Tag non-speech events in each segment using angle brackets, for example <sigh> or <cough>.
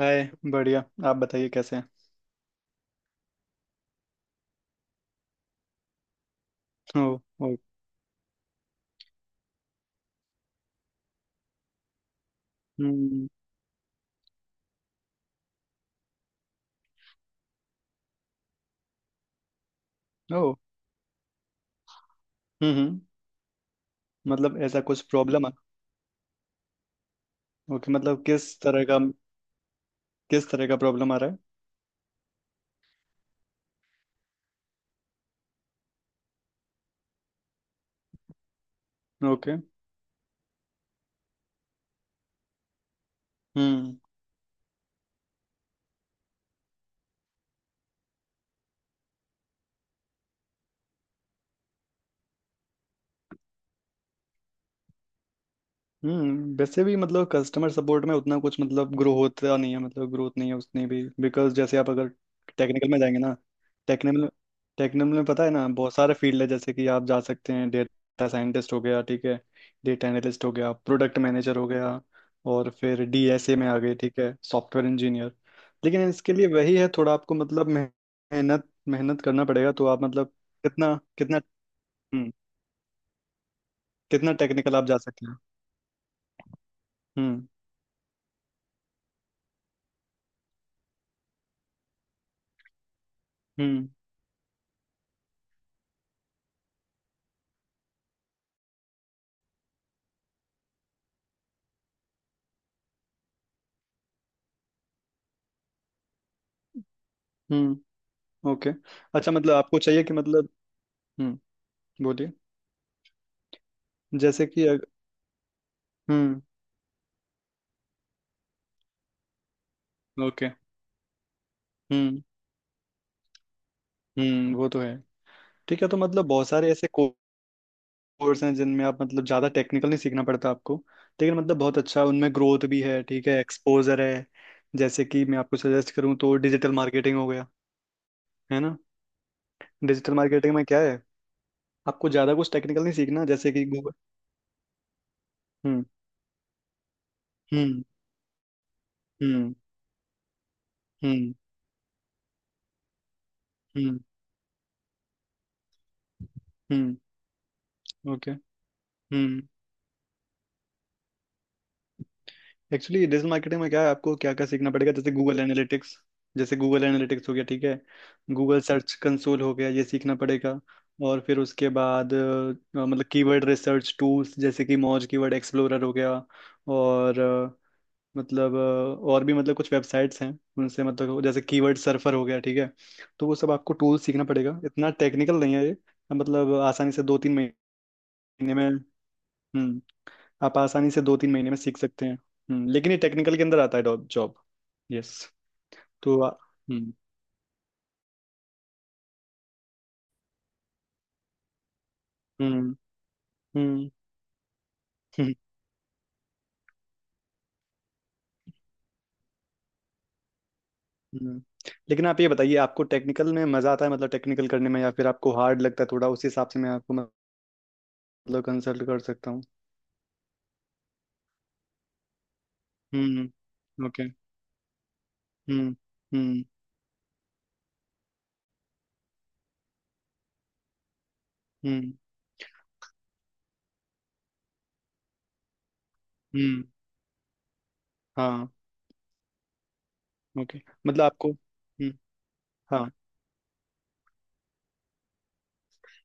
हाय। बढ़िया। आप बताइए कैसे हैं। ओ। ओ। हम्म। ओ। हम्म। मतलब ऐसा कुछ प्रॉब्लम है। ओके मतलब किस तरह का, किस तरह का प्रॉब्लम आ रहा है। ओके। हम्म। वैसे भी मतलब कस्टमर सपोर्ट में उतना कुछ मतलब ग्रो होता नहीं है, मतलब ग्रोथ नहीं है उसने भी बिकॉज जैसे आप अगर टेक्निकल में जाएंगे ना। टेक्निकल टेक्निकल में पता है ना बहुत सारे फील्ड है, जैसे कि आप जा सकते हैं डेटा साइंटिस्ट हो गया ठीक है, डेटा एनालिस्ट हो गया, प्रोडक्ट मैनेजर हो गया और फिर डीएसए में आ गए ठीक है सॉफ्टवेयर इंजीनियर। लेकिन इसके लिए वही है, थोड़ा आपको मतलब मेहनत मेहनत करना पड़ेगा। तो आप मतलब कितना कितना हम्म, कितना टेक्निकल आप जा सकते हैं। हम्म। हम्म। हम्म। ओके। अच्छा मतलब आपको चाहिए कि मतलब हम्म बोलिए। जैसे कि अग- हम्म। ओके। हम्म। वो तो है। ठीक है तो मतलब बहुत सारे ऐसे कोर्स हैं जिनमें आप मतलब ज़्यादा टेक्निकल नहीं सीखना पड़ता आपको, लेकिन मतलब बहुत अच्छा उनमें ग्रोथ भी है ठीक है एक्सपोजर है। जैसे कि मैं आपको सजेस्ट करूँ तो डिजिटल मार्केटिंग हो गया है ना। डिजिटल मार्केटिंग में क्या है, आपको ज़्यादा कुछ टेक्निकल नहीं सीखना, जैसे कि गूगल। हम्म। हम्म। हम्म। हम्म। हम्म। हम्म। ओके। हम्म। एक्चुअली डिजिटल मार्केटिंग में क्या है आपको क्या क्या सीखना पड़ेगा, जैसे गूगल एनालिटिक्स, जैसे गूगल एनालिटिक्स हो गया ठीक है, गूगल सर्च कंसोल हो गया ये सीखना पड़ेगा। और फिर उसके बाद मतलब कीवर्ड रिसर्च टूल्स जैसे कि मौज कीवर्ड एक्सप्लोरर हो गया। और मतलब अ, और भी मतलब कुछ वेबसाइट्स हैं उनसे मतलब, जैसे कीवर्ड सर्फर हो गया ठीक है। तो वो सब आपको टूल सीखना पड़ेगा, इतना टेक्निकल नहीं है ये। मतलब आसानी से 2-3 महीने में हम्म आप आसानी से 2-3 महीने में सीख सकते हैं। लेकिन ये टेक्निकल के अंदर आता है जॉब। यस। तो आ- हम्म। हम्म। हम्म। हम्म, हम्म। लेकिन आप ये बताइए आपको टेक्निकल में मजा आता है, मतलब टेक्निकल करने में, या फिर आपको हार्ड लगता है थोड़ा। उस हिसाब से मैं आपको मतलब कंसल्ट कर सकता हूँ। ओके। हम्म। हम्म। हम्म। हम्म। हाँ। ओके मतलब आपको हाँ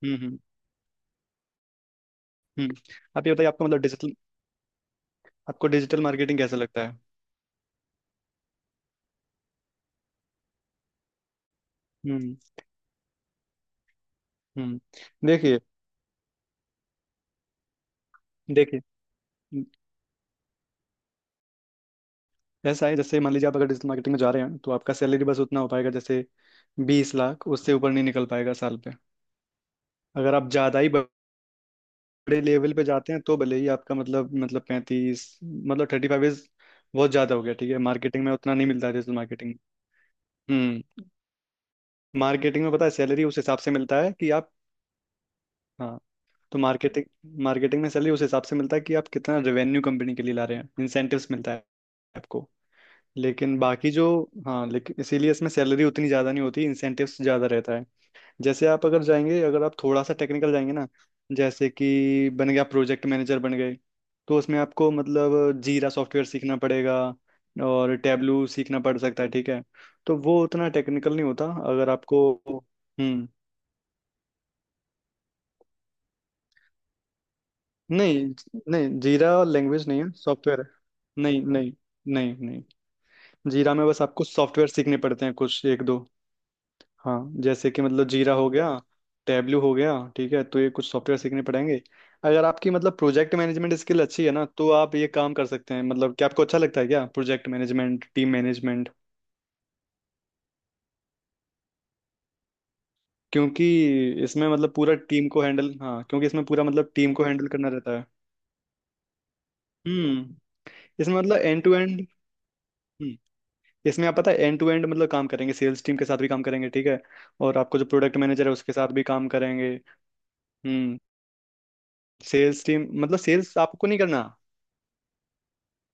हम्म हम्म हम्म। आप ये बताइए आपको मतलब डिजिटल आपको डिजिटल मार्केटिंग कैसा लगता है। हम्म। हम्म। देखिए देखिए, ऐसा है जैसे मान लीजिए आप अगर डिजिटल मार्केटिंग में जा रहे हैं तो आपका सैलरी बस उतना हो पाएगा, जैसे 20 लाख, उससे ऊपर नहीं निकल पाएगा साल पे। अगर आप ज़्यादा ही बड़े लेवल पे जाते हैं तो भले ही आपका मतलब 35 मतलब 35 इज बहुत ज़्यादा हो गया ठीक है, मार्केटिंग में उतना नहीं मिलता है डिजिटल मार्केटिंग। हम्म मार्केटिंग में पता है सैलरी उस हिसाब से मिलता है कि आप, हाँ, तो मार्केटिंग मार्केटिंग में सैलरी उस हिसाब से मिलता है कि आप कितना रेवेन्यू कंपनी के लिए ला रहे हैं, इंसेंटिव्स मिलता है आपको। लेकिन बाकी जो, हाँ, लेकिन इसीलिए इसमें सैलरी उतनी ज़्यादा नहीं होती, इंसेंटिव्स ज़्यादा रहता है। जैसे आप अगर जाएंगे, अगर आप थोड़ा सा टेक्निकल जाएंगे ना, जैसे कि बन गया प्रोजेक्ट मैनेजर बन गए, तो उसमें आपको मतलब जीरा सॉफ्टवेयर सीखना पड़ेगा और टैबलू सीखना पड़ सकता है ठीक है। तो वो उतना टेक्निकल नहीं होता, अगर आपको हम्म नहीं नहीं, जीरा लैंग्वेज नहीं है, सॉफ्टवेयर है। नहीं नहीं नहीं नहीं जीरा में बस आपको सॉफ्टवेयर सीखने पड़ते हैं कुछ एक दो। हाँ जैसे कि मतलब जीरा हो गया, टैबलू हो गया ठीक है, तो ये कुछ सॉफ्टवेयर सीखने पड़ेंगे। अगर आपकी मतलब प्रोजेक्ट मैनेजमेंट स्किल अच्छी है ना तो आप ये काम कर सकते हैं, मतलब क्या आपको अच्छा लगता है क्या प्रोजेक्ट मैनेजमेंट, टीम मैनेजमेंट। क्योंकि इसमें मतलब पूरा टीम को हैंडल, हाँ क्योंकि इसमें पूरा मतलब टीम को हैंडल करना रहता है। हम्म इसमें मतलब एंड टू एंड हम्म, इसमें आप पता है एंड टू एंड मतलब काम करेंगे, सेल्स टीम के साथ भी काम करेंगे ठीक है, और आपको जो प्रोडक्ट मैनेजर है उसके साथ भी काम करेंगे। हम्म सेल्स टीम, मतलब सेल्स आपको नहीं करना,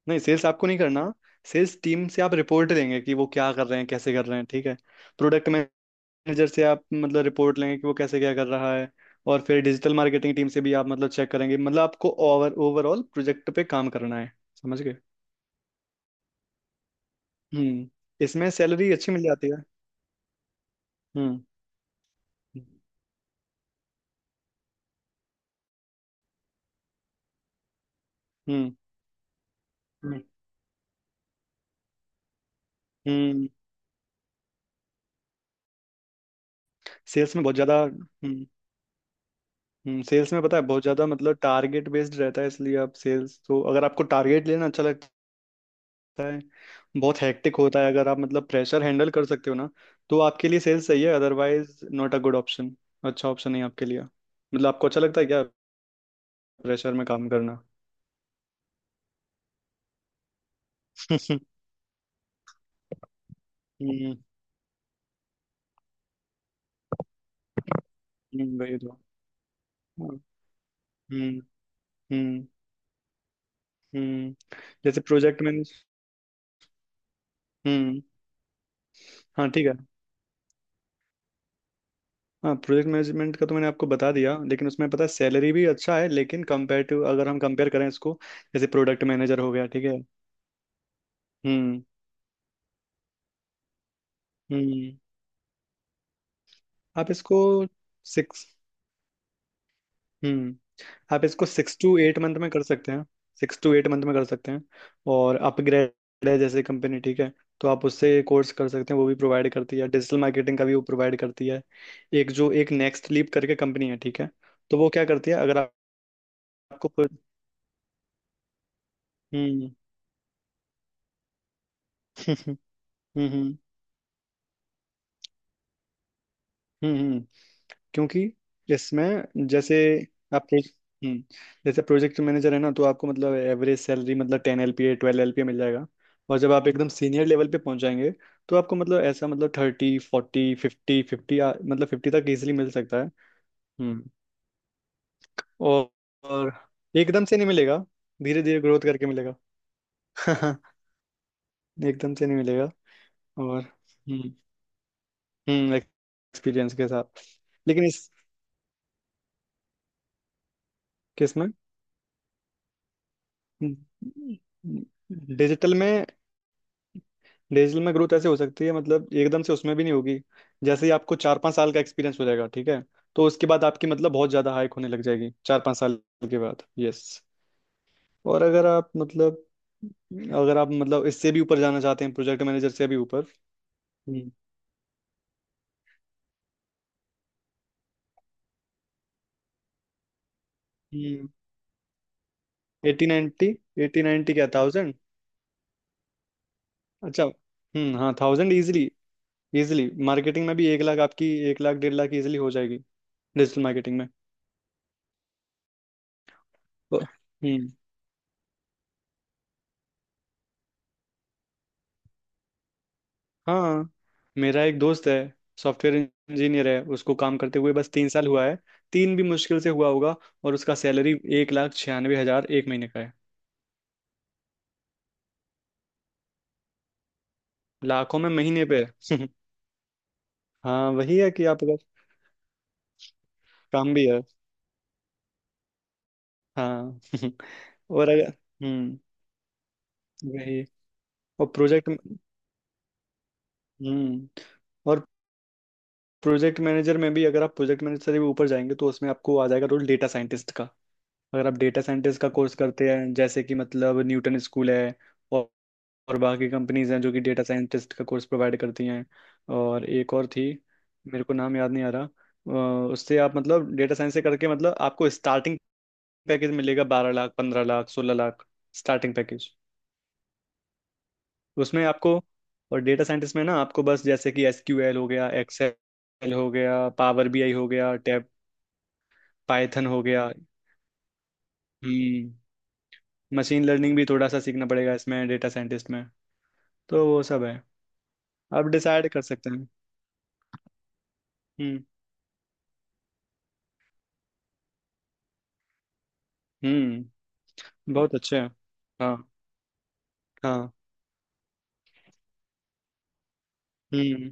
नहीं सेल्स आपको नहीं करना। सेल्स टीम से आप रिपोर्ट लेंगे कि वो क्या कर रहे हैं कैसे कर रहे हैं ठीक है, प्रोडक्ट मैनेजर से आप मतलब रिपोर्ट लेंगे कि वो कैसे क्या कर रहा है, और फिर डिजिटल मार्केटिंग टीम से भी आप मतलब चेक करेंगे, मतलब आपको ओवरऑल प्रोजेक्ट पे काम करना है। समझ गए। हम्म इसमें सैलरी अच्छी मिल जाती है। हम्म। हम्म। हम्म। हम्म सेल्स में बहुत ज़्यादा हम्म, सेल्स में पता है बहुत ज़्यादा मतलब टारगेट बेस्ड रहता है, इसलिए आप सेल्स, तो अगर आपको टारगेट लेना अच्छा लगता है होता है, बहुत हेक्टिक होता है, अगर आप मतलब प्रेशर हैंडल कर सकते हो ना तो आपके लिए सेल्स सही है, otherwise not a good option. अच्छा ऑप्शन नहीं आपके लिए, मतलब आपको अच्छा लगता है क्या प्रेशर में काम करना। <laughs> हम्म। वही तो। हाँ, हम्म। हम्म। हम्म जैसे प्रोजेक्ट मैनेज हम्म हाँ ठीक है। हाँ प्रोजेक्ट मैनेजमेंट का तो मैंने आपको बता दिया, लेकिन उसमें पता है सैलरी भी अच्छा है, लेकिन कंपेयर अगर हम कंपेयर करें इसको, जैसे प्रोडक्ट मैनेजर हो गया ठीक है। हम्म। हम्म। आप इसको सिक्स हम्म आप इसको 6 to 8 मंथ में कर सकते हैं, 6 to 8 मंथ में कर सकते हैं। और अपग्रेड है जैसे कंपनी ठीक है, तो आप उससे कोर्स कर सकते हैं, वो भी प्रोवाइड करती है, डिजिटल मार्केटिंग का भी वो प्रोवाइड करती है। एक जो एक नेक्स्ट लीप करके कंपनी है ठीक है। तो वो क्या करती है अगर आप- आपको हम्म <laughs> हम्म हम्म हम्म। क्योंकि इसमें जैसे आप प्रो- हम्म, जैसे प्रोजेक्ट मैनेजर है ना तो आपको मतलब एवरेज सैलरी मतलब 10 LPA 12 LP मिल जाएगा, और जब आप एकदम सीनियर लेवल पे पहुंच जाएंगे तो आपको मतलब ऐसा मतलब 30 40 50 50 मतलब 50 तक इजीली मिल सकता है। हम्म। और, और एकदम से नहीं मिलेगा, धीरे धीरे ग्रोथ करके मिलेगा। <laughs> एकदम से नहीं मिलेगा। और एक्सपीरियंस के साथ। लेकिन इस किस में? डिजिटल में, डिजिटल में ग्रोथ ऐसे हो सकती है, मतलब एकदम से उसमें भी नहीं होगी। जैसे ही आपको 4-5 साल का एक्सपीरियंस हो जाएगा ठीक है, तो उसके बाद आपकी मतलब बहुत ज़्यादा हाइक होने लग जाएगी, 4-5 साल के बाद, यस। और अगर आप मतलब, अगर आप मतलब इससे भी ऊपर जाना चाहते हैं, प्रोजेक्ट मैनेजर से भी ऊपर। हम्म। 80-90, 80-90 क्या, थाउजेंड? अच्छा हम्म, हाँ थाउजेंड इजिली। इजिली मार्केटिंग में भी 1 लाख, आपकी 1 लाख 1.5 लाख इजिली हो जाएगी डिजिटल मार्केटिंग में। हम्म हाँ। मेरा एक दोस्त है, सॉफ्टवेयर इंजीनियर है, उसको काम करते हुए बस 3 साल हुआ है, तीन भी मुश्किल से हुआ होगा, और उसका सैलरी 1,96,000 एक महीने का है। लाखों में महीने पे। <laughs> हाँ वही है कि आप अगर काम भी है। हाँ <laughs> और अगर हम्म वही, और प्रोजेक्ट हम्म, और प्रोजेक्ट मैनेजर में भी अगर आप प्रोजेक्ट मैनेजर से भी ऊपर जाएंगे तो उसमें आपको आ जाएगा रोल डेटा साइंटिस्ट का। अगर आप डेटा साइंटिस्ट का कोर्स करते हैं, जैसे कि मतलब न्यूटन स्कूल है और बाकी कंपनीज हैं जो कि डेटा साइंटिस्ट का कोर्स प्रोवाइड करती हैं, और एक और थी, मेरे को नाम याद नहीं आ रहा। उससे आप मतलब डेटा साइंस से करके मतलब आपको स्टार्टिंग पैकेज मिलेगा 12 लाख 15 लाख 16 लाख, स्टार्टिंग पैकेज। उसमें आपको, और डेटा साइंटिस्ट में ना आपको बस जैसे कि एसक्यूएल हो गया, एक्सेल हो गया, पावर बीआई हो गया, टैब, पाइथन हो गया। हम्म मशीन लर्निंग भी थोड़ा सा सीखना पड़ेगा इसमें, डेटा साइंटिस्ट में, तो वो सब है। आप डिसाइड कर सकते हैं। हम्म। हम्म बहुत अच्छे हैं। हाँ। हाँ। हम्म।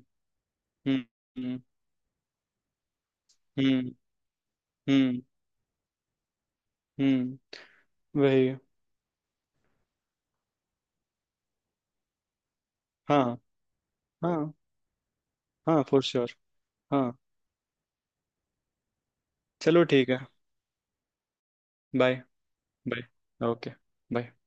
हम्म। हम्म। हम्म। हम्म। हम्म, वही। हाँ। हाँ। हाँ फॉर श्योर। हाँ। चलो ठीक है। बाय। Bye okay. बाय।